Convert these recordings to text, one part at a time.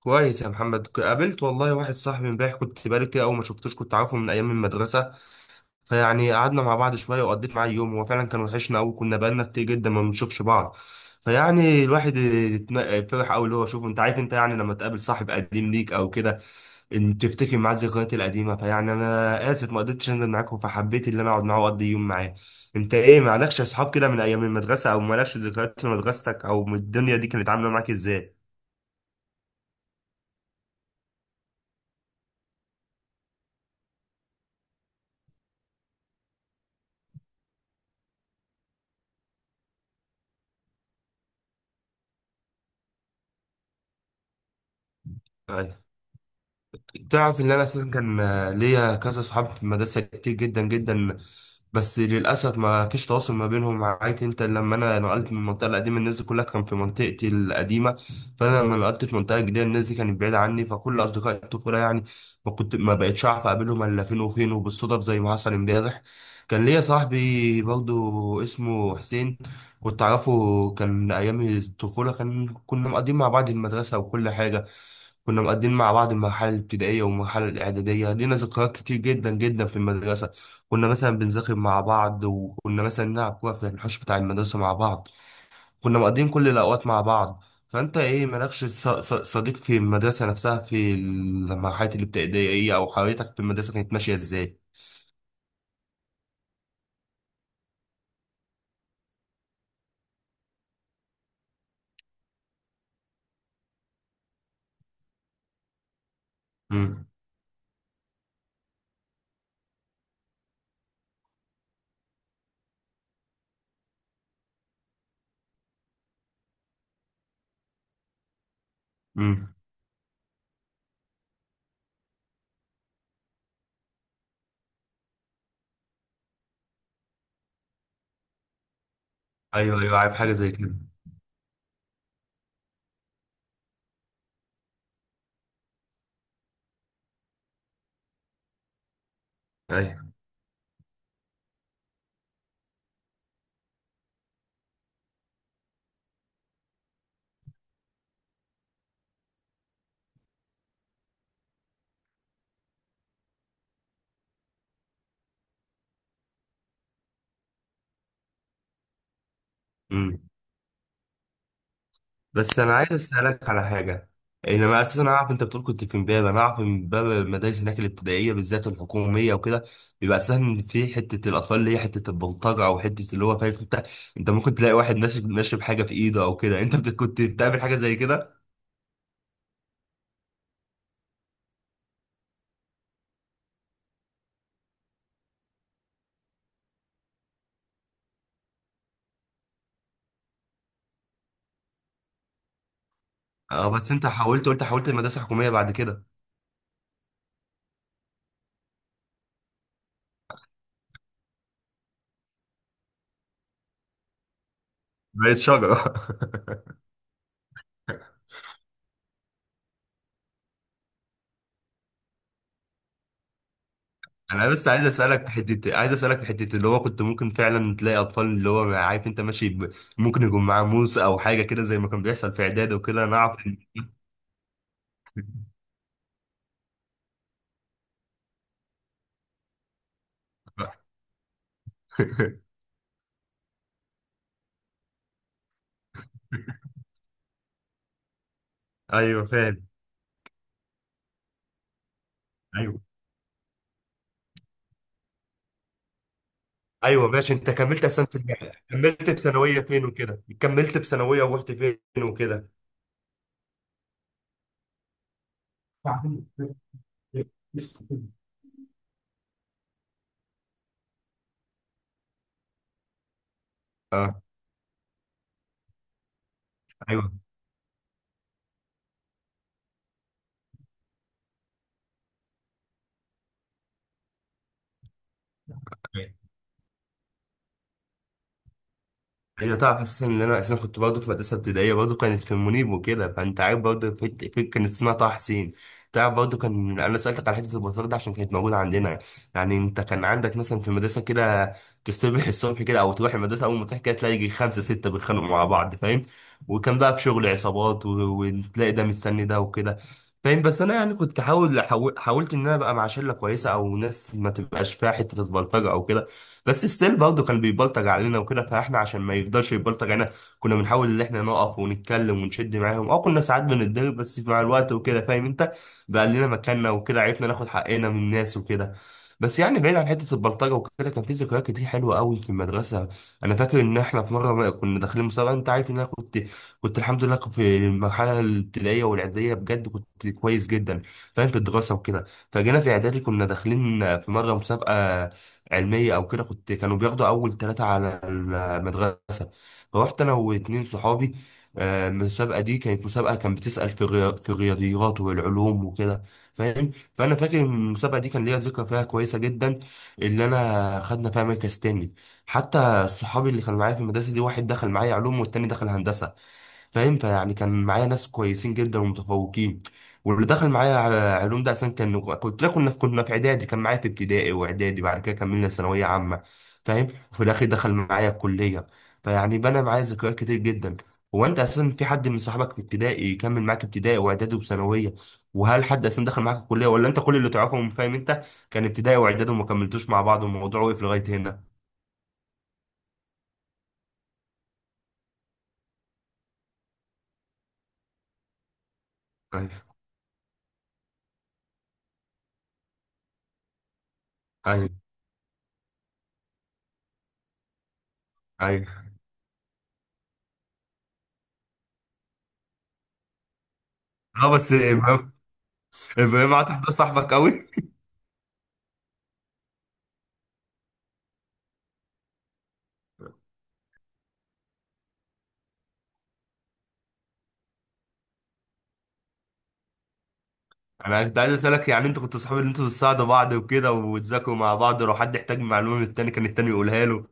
كويس يا محمد. قابلت والله واحد صاحبي امبارح، كنت بقالي كتير قوي ما شفتوش، كنت عارفه من ايام المدرسه. فيعني قعدنا مع بعض شويه وقضيت معاه يوم، هو فعلا كان وحشنا قوي، كنا بقالنا كتير جدا ما بنشوفش بعض. فيعني الواحد فرح قوي اللي هو شوفه، انت عارف انت، يعني لما تقابل صاحب قديم ليك او كده ان تفتكر معاه الذكريات القديمه. فيعني انا اسف ما قدرتش انزل معاكم، فحبيت ان انا اقعد معاه واقضي يوم معاه. انت ايه، مالكش اصحاب كده من ايام المدرسه؟ او مالكش ذكريات في مدرستك؟ او من الدنيا دي كانت عامله معاك ازاي؟ طيب. تعرف ان انا اساسا كان، ليا كذا صحاب في المدرسه كتير جدا جدا، بس للاسف ما فيش تواصل ما بينهم. عارف انت لما انا نقلت من المنطقه القديمه، الناس دي كلها كان في منطقتي القديمه، فانا لما نقلت في منطقه جديده الناس دي كانت بعيده عني، فكل اصدقاء الطفوله يعني ما كنت، ما بقتش اعرف اقابلهم الا فين وفين، وبالصدف زي ما حصل امبارح. كان ليا صاحبي برضو اسمه حسين، كنت أعرفه، كان من أيام الطفولة، كان كنا مقضيين مع بعض المدرسة وكل حاجة. كنا مقضيين مع بعض المرحلة الابتدائية والمرحلة الإعدادية، لينا ذكريات كتير جدا جدا في المدرسة. كنا مثلا بنذاكر مع بعض، وكنا مثلا نلعب كورة في الحوش بتاع المدرسة مع بعض. كنا مقضيين كل الأوقات مع بعض. فأنت إيه، مالكش صديق في المدرسة نفسها في المرحلة الابتدائية؟ أو حياتك في المدرسة كانت ماشية إزاي؟ امم، امم. أيوه، أيوه، عارف حاجة زي كده. أيوه. مم. بس انا عايز اسالك على حاجه. ان انا اساسا اعرف انت بتقول كنت في امبابه، انا اعرف ان امبابه المدارس هناك الابتدائيه بالذات الحكوميه وكده بيبقى اساسا في حته الاطفال اللي هي حته البلطجه، او حته اللي هو فاهم انت. انت ممكن تلاقي واحد ناشب، ناشب حاجه في ايده او كده، انت كنت بتعمل حاجه زي كده؟ اه بس انت حاولت، قلت حاولت المدرسه الحكوميه بعد كده؟ بقيت شجره انا بس عايز اسالك في حته، عايز اسالك في حته اللي هو كنت ممكن فعلا تلاقي اطفال اللي هو عارف انت ماشي، ممكن يكون معاه موس او حاجه كده زي ما كان بيحصل في اعداد وكده، انا اعرف. ايوه فاهم. ايوه، ايوه ماشي. انت كملت اصلا في الجامعة؟ كملت في ثانويه فين وكده؟ كملت في ثانويه ورحت فين وكده؟ ايوه، ايوه. تعرف اساسا ان انا اساسا كنت برضه في مدرسه ابتدائيه برضه كانت في المنيب وكده، فانت عارف برضه كانت اسمها طه حسين. تعرف برضه، كان انا سالتك على حته البطاطا ده عشان كانت موجوده عندنا. يعني انت كان عندك مثلا في المدرسه كده، تصبح الصبح كده او تروح المدرسه اول ما تصحى كده تلاقي يجي خمسه سته بيتخانقوا مع بعض، فاهم؟ وكان بقى في شغل عصابات وتلاقي ده مستني ده وكده، فاهم؟ بس انا يعني كنت حاولت ان انا ابقى مع شله كويسه او ناس ما تبقاش فيها حته البلطجه او كده. بس ستيل برضه كان بيبلطج علينا وكده، فاحنا عشان ما يفضلش يبلطج علينا كنا بنحاول ان احنا نقف ونتكلم ونشد معاهم. اه كنا ساعات بنتضرب، بس مع الوقت وكده فاهم انت، بقى لنا مكاننا وكده، عرفنا ناخد حقنا من الناس وكده. بس يعني بعيد عن حته البلطجه وكده، كان في ذكريات كتير حلوه قوي في المدرسه. انا فاكر ان احنا في مره ما كنا داخلين مسابقه. انت عارف ان انا كنت الحمد لله في المرحله الابتدائيه والاعداديه بجد كنت كويس جدا، فاهم، في الدراسه وكده. فجينا في اعدادي كنا داخلين في مره مسابقه علميه او كده، كنت كانوا بياخدوا اول ثلاثه على المدرسه. فروحت انا واتنين صحابي. المسابقه دي كانت مسابقه كان بتسال في في الرياضيات والعلوم وكده، فاهم. فانا فاكر المسابقه دي كان ليا ذكرى فيها كويسه جدا اللي انا خدنا فيها مركز تاني. حتى صحابي اللي كانوا معايا في المدرسه دي، واحد دخل معايا علوم والتاني دخل هندسه، فاهم. فيعني كان معايا ناس كويسين جدا ومتفوقين. واللي دخل معايا علوم ده عشان كان كنت، لا كنا في اعدادي، كان معايا في ابتدائي واعدادي، بعد كده كملنا ثانويه عامه، فاهم. وفي الاخر دخل معايا الكليه. فيعني بنى معايا ذكريات كتير جدا. هو انت اساسا في حد من صحابك في ابتدائي يكمل معاك ابتدائي واعدادي وثانويه؟ وهل حد اساسا دخل معاك الكليه؟ ولا انت كل اللي تعرفهم فاهم انت كان ابتدائي واعدادي وما كملتوش مع بعض والموضوع وقف لغايه هنا؟ ايوه، ايوه، ايوه. اه بس ابراهيم، ابراهيم عاد ده صاحبك قوي. انا كنت عايز اسالك، يعني انتوا كنتوا صحاب ان انتوا بتساعدوا بعض وكده وتذاكروا مع بعض، ولو حد احتاج معلومه من التاني كان التاني يقولها له؟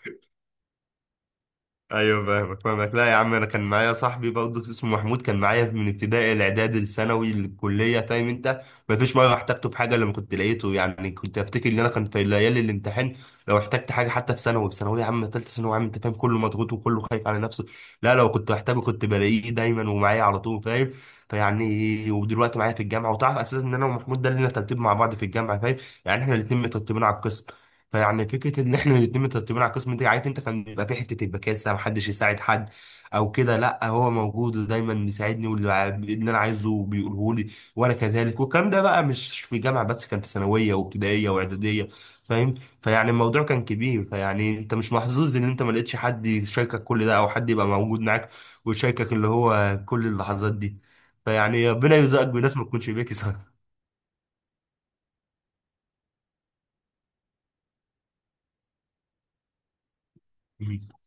ايوه فاهمك، فاهمك. لا يا عم، انا كان معايا صاحبي برضه اسمه محمود كان معايا من ابتدائي الاعدادي الثانوي الكليه، فاهم انت. ما فيش مره احتجته في حاجه لما كنت لقيته، يعني كنت افتكر ان انا كان في ليالي الامتحان لو احتجت حاجه، حتى في ثانوي، في ثانوي يا عم، ثالثه ثانوي يا عم، انت فاهم كله مضغوط وكله خايف على نفسه. لا لو كنت احتاجه كنت بلاقيه دايما ومعايا على طول، فاهم. فيعني ودلوقتي معايا في الجامعه. وتعرف اساسا ان انا ومحمود ده لنا ترتيب مع بعض في الجامعه، فاهم. يعني احنا الاثنين مترتبين على القسم. فيعني فكره ان احنا الاتنين مترتبين على القسم ده عارف انت، كان بيبقى في حته البكاسه محدش يساعد حد او كده، لا هو موجود ودايما بيساعدني واللي اللي انا عايزه بيقوله لي وانا كذلك. والكلام ده بقى مش في جامعه بس، كان في ثانويه وابتدائيه واعداديه، فاهم. فيعني الموضوع كان كبير. فيعني انت مش محظوظ ان انت ما لقيتش حد يشاركك كل ده او حد يبقى موجود معاك ويشاركك اللي هو كل اللحظات دي. فيعني ربنا يرزقك بناس ما تكونش بيكي، صح؟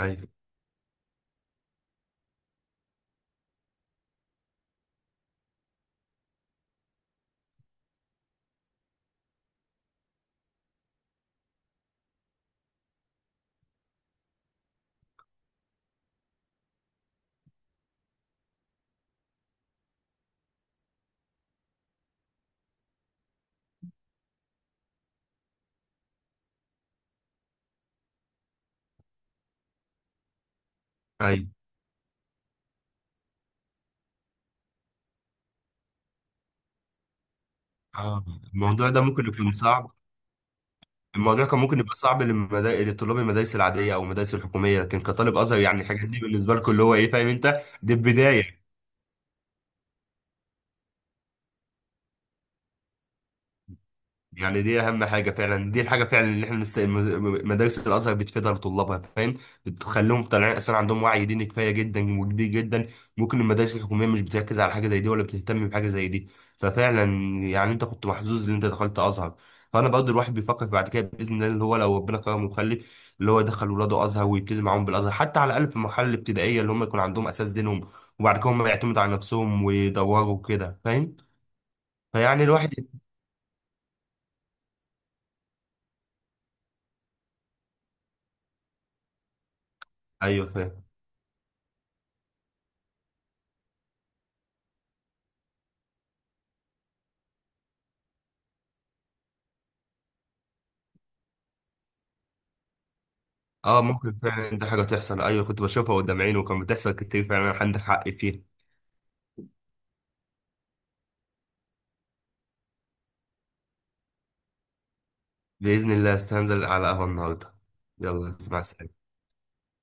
ايوه، ايوه. اه الموضوع ده ممكن يكون صعب. الموضوع كان ممكن يبقى صعب لطلاب المدارس العاديه او المدارس الحكوميه، لكن كطالب ازهر يعني الحاجات دي بالنسبه لكم اللي هو ايه فاهم انت، دي البدايه. يعني دي اهم حاجه فعلا، دي الحاجه فعلا اللي احنا مدارس الازهر بتفيدها لطلابها، فاهم. بتخليهم طالعين اصلا عندهم وعي ديني كفايه جدا وكبير جدا. ممكن المدارس الحكوميه مش بتركز على حاجه زي دي ولا بتهتم بحاجه زي دي. ففعلا، يعني انت كنت محظوظ ان انت دخلت ازهر. فانا برضه الواحد بيفكر في بعد كده باذن الله اللي هو لو ربنا كرمه وخلف اللي هو يدخل ولاده ازهر ويبتدي معاهم بالازهر حتى على الاقل في المرحله الابتدائيه، اللي هم يكون عندهم اساس دينهم وبعد كده هم يعتمدوا على نفسهم ويدوروا كده، فاهم. فيعني الواحد. ايوه فاهم. اه ممكن فعلا دي حاجة تحصل، ايوه كنت بشوفها قدام عيني وكان بتحصل كتير فعلا، عندك حق فيها. بإذن الله استنزل على قهوة النهاردة. يلا. مع السلامة.